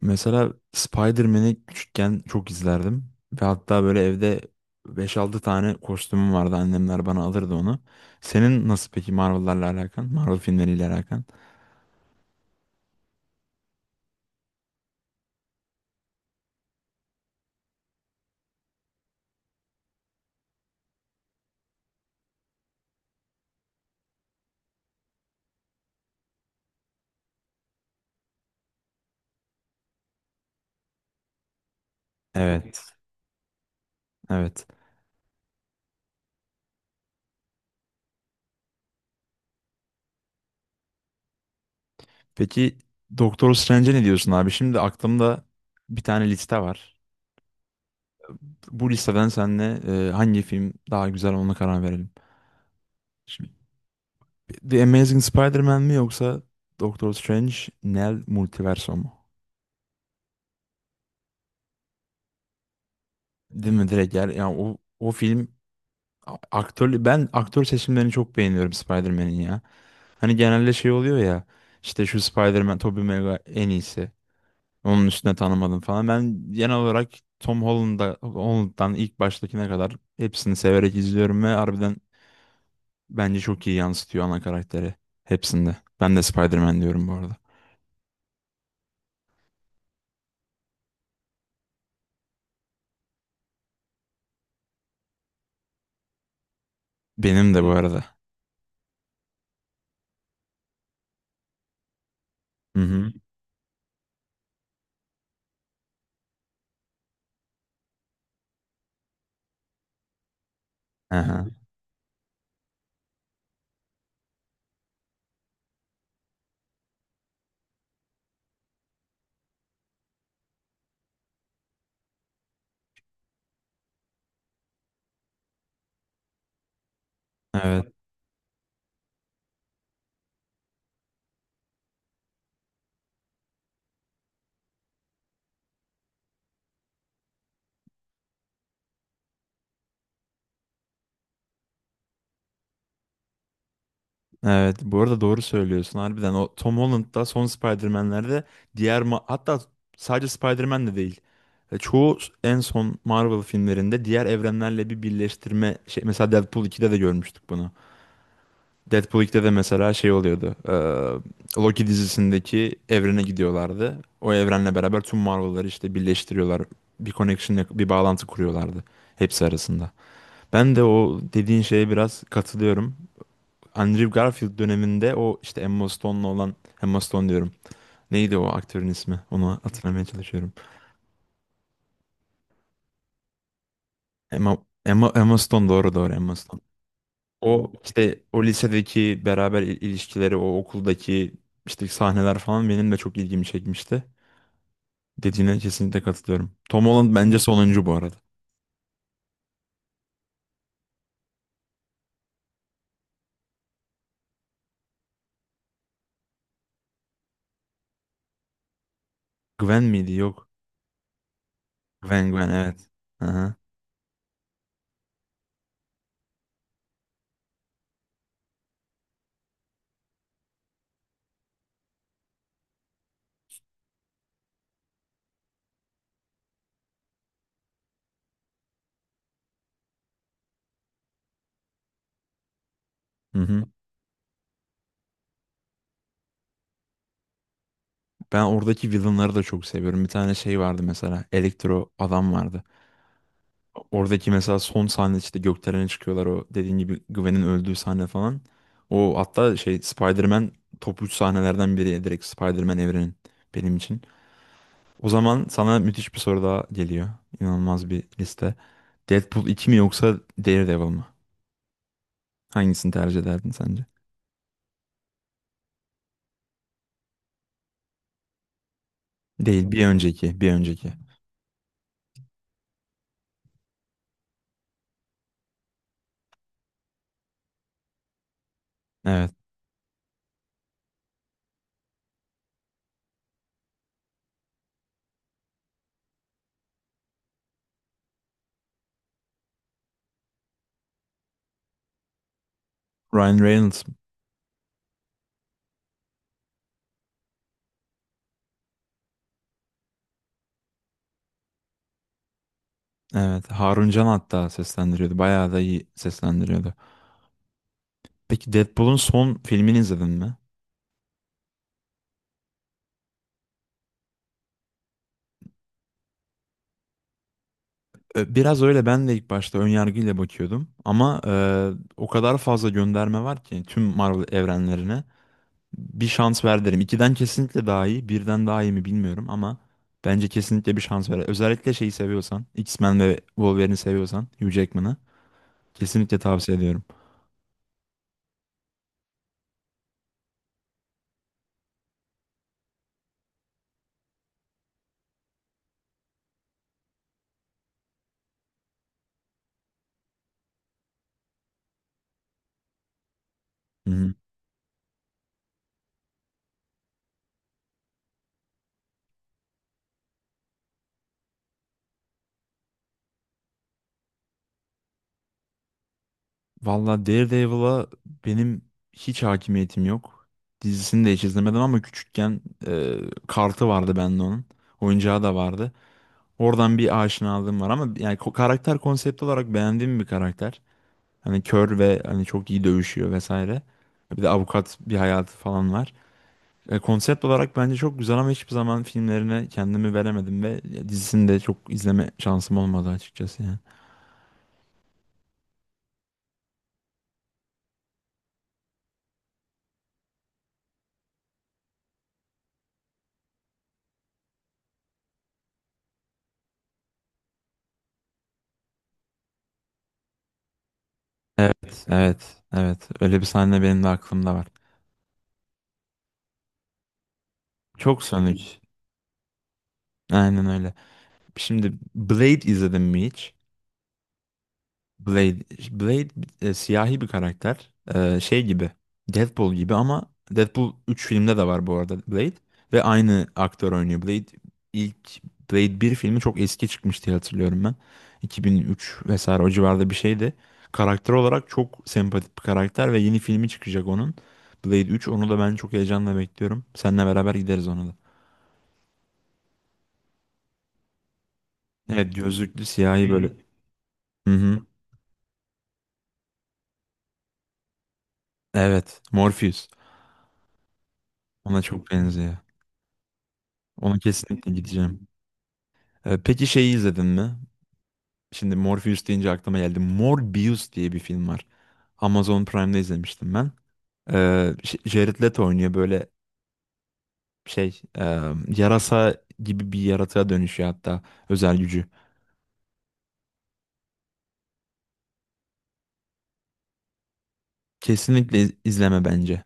Mesela Spider-Man'i küçükken çok izlerdim. Ve hatta böyle evde beş altı tane kostümüm vardı. Annemler bana alırdı onu. Senin nasıl peki Marvel'larla alakan? Marvel filmleriyle alakan? Evet, evet. Peki Doktor Strange'e ne diyorsun abi? Şimdi aklımda bir tane liste var. Bu listeden seninle hangi film daha güzel ona karar verelim. Şimdi, The Amazing Spider-Man mi yoksa Doktor Strange Nel Multiverso mu? Değil mi direkt yani, yani o film. Aktör, ben aktör seçimlerini çok beğeniyorum Spider-Man'in ya. Hani genelde şey oluyor ya işte şu Spider-Man Tobey Maguire en iyisi. Onun üstüne tanımadım falan. Ben genel olarak Holland'dan ilk baştakine kadar hepsini severek izliyorum ve harbiden bence çok iyi yansıtıyor ana karakteri hepsinde. Ben de Spider-Man diyorum bu arada. Benim de bu arada. Hı hı. Aha. Evet. Evet, bu arada doğru söylüyorsun harbiden. O Tom Holland'da son Spider-Man'lerde diğer hatta sadece Spider-Man de değil. Çoğu en son Marvel filmlerinde diğer evrenlerle bir birleştirme şey, mesela Deadpool 2'de de görmüştük bunu. Deadpool 2'de de mesela şey oluyordu. Loki dizisindeki evrene gidiyorlardı. O evrenle beraber tüm Marvel'ları işte birleştiriyorlar. Bir connection, bir bağlantı kuruyorlardı hepsi arasında. Ben de o dediğin şeye biraz katılıyorum. Andrew Garfield döneminde o işte Emma Stone diyorum. Neydi o aktörün ismi? Onu hatırlamaya çalışıyorum. Emma, Emma Stone, doğru doğru, Emma Stone. O işte o lisedeki beraber ilişkileri, o okuldaki işte sahneler falan benim de çok ilgimi çekmişti. Dediğine kesinlikle katılıyorum. Tom Holland bence sonuncu bu arada. Gwen miydi? Yok. Gwen evet. Aha. Hı hı. Ben oradaki villainları da çok seviyorum. Bir tane şey vardı mesela. Elektro adam vardı. Oradaki mesela son sahne, işte gökdelene çıkıyorlar, o dediğin gibi Gwen'in öldüğü sahne falan. O hatta şey Spider-Man, top 3 sahnelerden biri direkt Spider-Man evrenin benim için. O zaman sana müthiş bir soru daha geliyor. İnanılmaz bir liste. Deadpool 2 mi yoksa Daredevil mı? Hangisini tercih ederdin sence? Değil, bir önceki. Evet. Ryan Reynolds. Evet. Harun Can hatta seslendiriyordu. Bayağı da iyi seslendiriyordu. Peki Deadpool'un son filmini izledin mi? Biraz öyle, ben de ilk başta ön yargıyla bakıyordum ama o kadar fazla gönderme var ki tüm Marvel evrenlerine, bir şans ver derim. İkiden kesinlikle daha iyi, birden daha iyi mi bilmiyorum ama bence kesinlikle bir şans ver. Özellikle şeyi seviyorsan, X-Men ve Wolverine'i seviyorsan, Hugh Jackman'ı kesinlikle tavsiye ediyorum. Hı hı. Valla Daredevil'a benim hiç hakimiyetim yok. Dizisini de hiç izlemedim ama küçükken e, kartı vardı bende onun. Oyuncağı da vardı. Oradan bir aşinalığım var ama yani karakter konsept olarak beğendiğim bir karakter. Hani kör ve hani çok iyi dövüşüyor vesaire. Bir de avukat bir hayatı falan var. Konsept olarak bence çok güzel ama hiçbir zaman filmlerine kendimi veremedim ve dizisini de çok izleme şansım olmadı açıkçası yani. Evet, evet, evet. Öyle bir sahne benim de aklımda var. Çok Sonic. Aynen öyle. Şimdi Blade izledin mi hiç? Blade, Blade siyahi bir karakter. Şey gibi. Deadpool gibi ama Deadpool üç filmde de var bu arada Blade. Ve aynı aktör oynuyor. İlk Blade bir filmi çok eski çıkmıştı diye hatırlıyorum ben. 2003 vesaire, o civarda bir şeydi. Karakter olarak çok sempatik bir karakter ve yeni filmi çıkacak onun. Blade 3, onu da ben çok heyecanla bekliyorum. Seninle beraber gideriz ona da. Evet, gözlüklü siyahi böyle. Hı hı. Evet. Morpheus. Ona çok benziyor. Ona kesinlikle gideceğim. Peki şeyi izledin mi? Şimdi Morpheus deyince aklıma geldi. Morbius diye bir film var. Amazon Prime'da izlemiştim ben. Jared Leto oynuyor böyle şey e, yarasa gibi bir yaratığa dönüşüyor, hatta özel gücü. Kesinlikle izleme bence.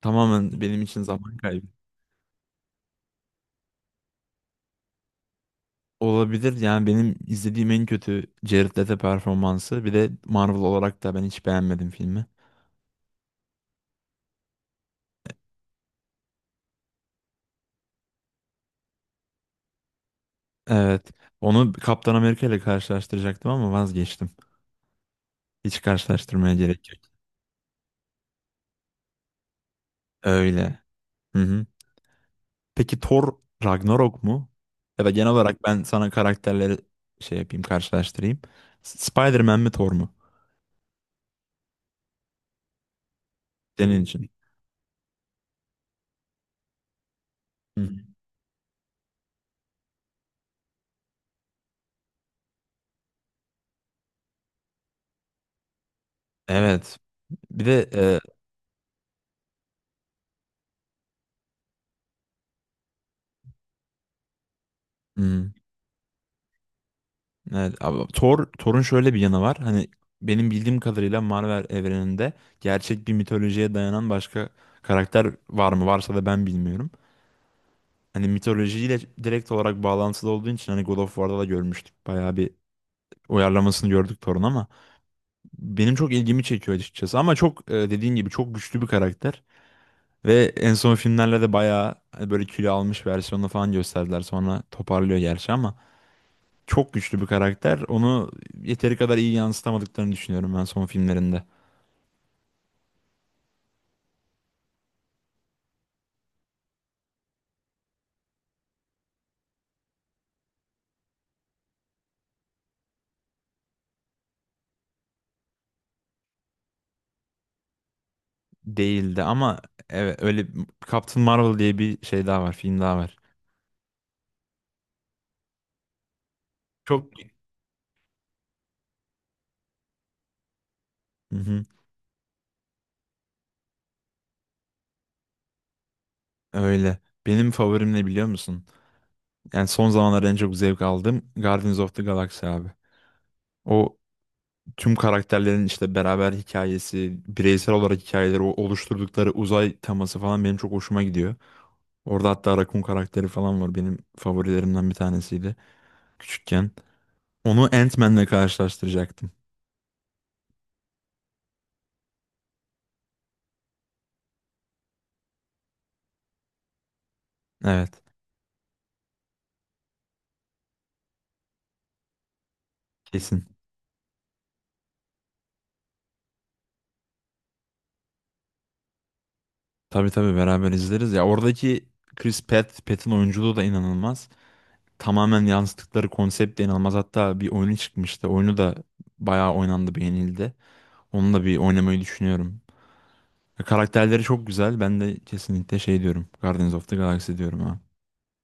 Tamamen benim için zaman kaybı. Olabilir, yani benim izlediğim en kötü Jared Leto performansı. Bir de Marvel olarak da ben hiç beğenmedim filmi. Evet. Onu Kaptan Amerika ile karşılaştıracaktım ama vazgeçtim. Hiç karşılaştırmaya gerek yok. Öyle. Hı hı. Peki Thor Ragnarok mu? Ya da genel olarak ben sana karakterleri şey yapayım, karşılaştırayım. Spider-Man mi Thor mu? Senin için. Hı hı. Evet. Bir de hı. Evet. Abi, Thor, Thor'un şöyle bir yanı var. Hani benim bildiğim kadarıyla Marvel evreninde gerçek bir mitolojiye dayanan başka karakter var mı? Varsa da ben bilmiyorum. Hani mitolojiyle direkt olarak bağlantılı olduğu için, hani God of War'da da görmüştük. Bayağı bir uyarlamasını gördük Thor'un ama benim çok ilgimi çekiyor açıkçası. Ama çok dediğin gibi çok güçlü bir karakter. Ve en son filmlerle de bayağı hani böyle kilo almış versiyonunu falan gösterdiler. Sonra toparlıyor gerçi ama çok güçlü bir karakter. Onu yeteri kadar iyi yansıtamadıklarını düşünüyorum ben son filmlerinde. Değildi ama evet öyle, Captain Marvel diye bir şey daha var, film daha var. Çok. Hı hı, öyle. Benim favorim ne biliyor musun? Yani son zamanlarda en çok zevk aldığım Guardians of the Galaxy abi. O, tüm karakterlerin işte beraber hikayesi, bireysel olarak hikayeleri, o oluşturdukları uzay teması falan benim çok hoşuma gidiyor. Orada hatta Raccoon karakteri falan var. Benim favorilerimden bir tanesiydi küçükken. Onu Ant-Man'le karşılaştıracaktım. Evet, kesin. Tabii tabii beraber izleriz. Ya oradaki Pratt'in oyunculuğu da inanılmaz. Tamamen yansıttıkları konsept de inanılmaz. Hatta bir oyunu çıkmıştı. Oyunu da bayağı oynandı, beğenildi. Onunla bir oynamayı düşünüyorum. Karakterleri çok güzel. Ben de kesinlikle şey diyorum. Guardians of the Galaxy diyorum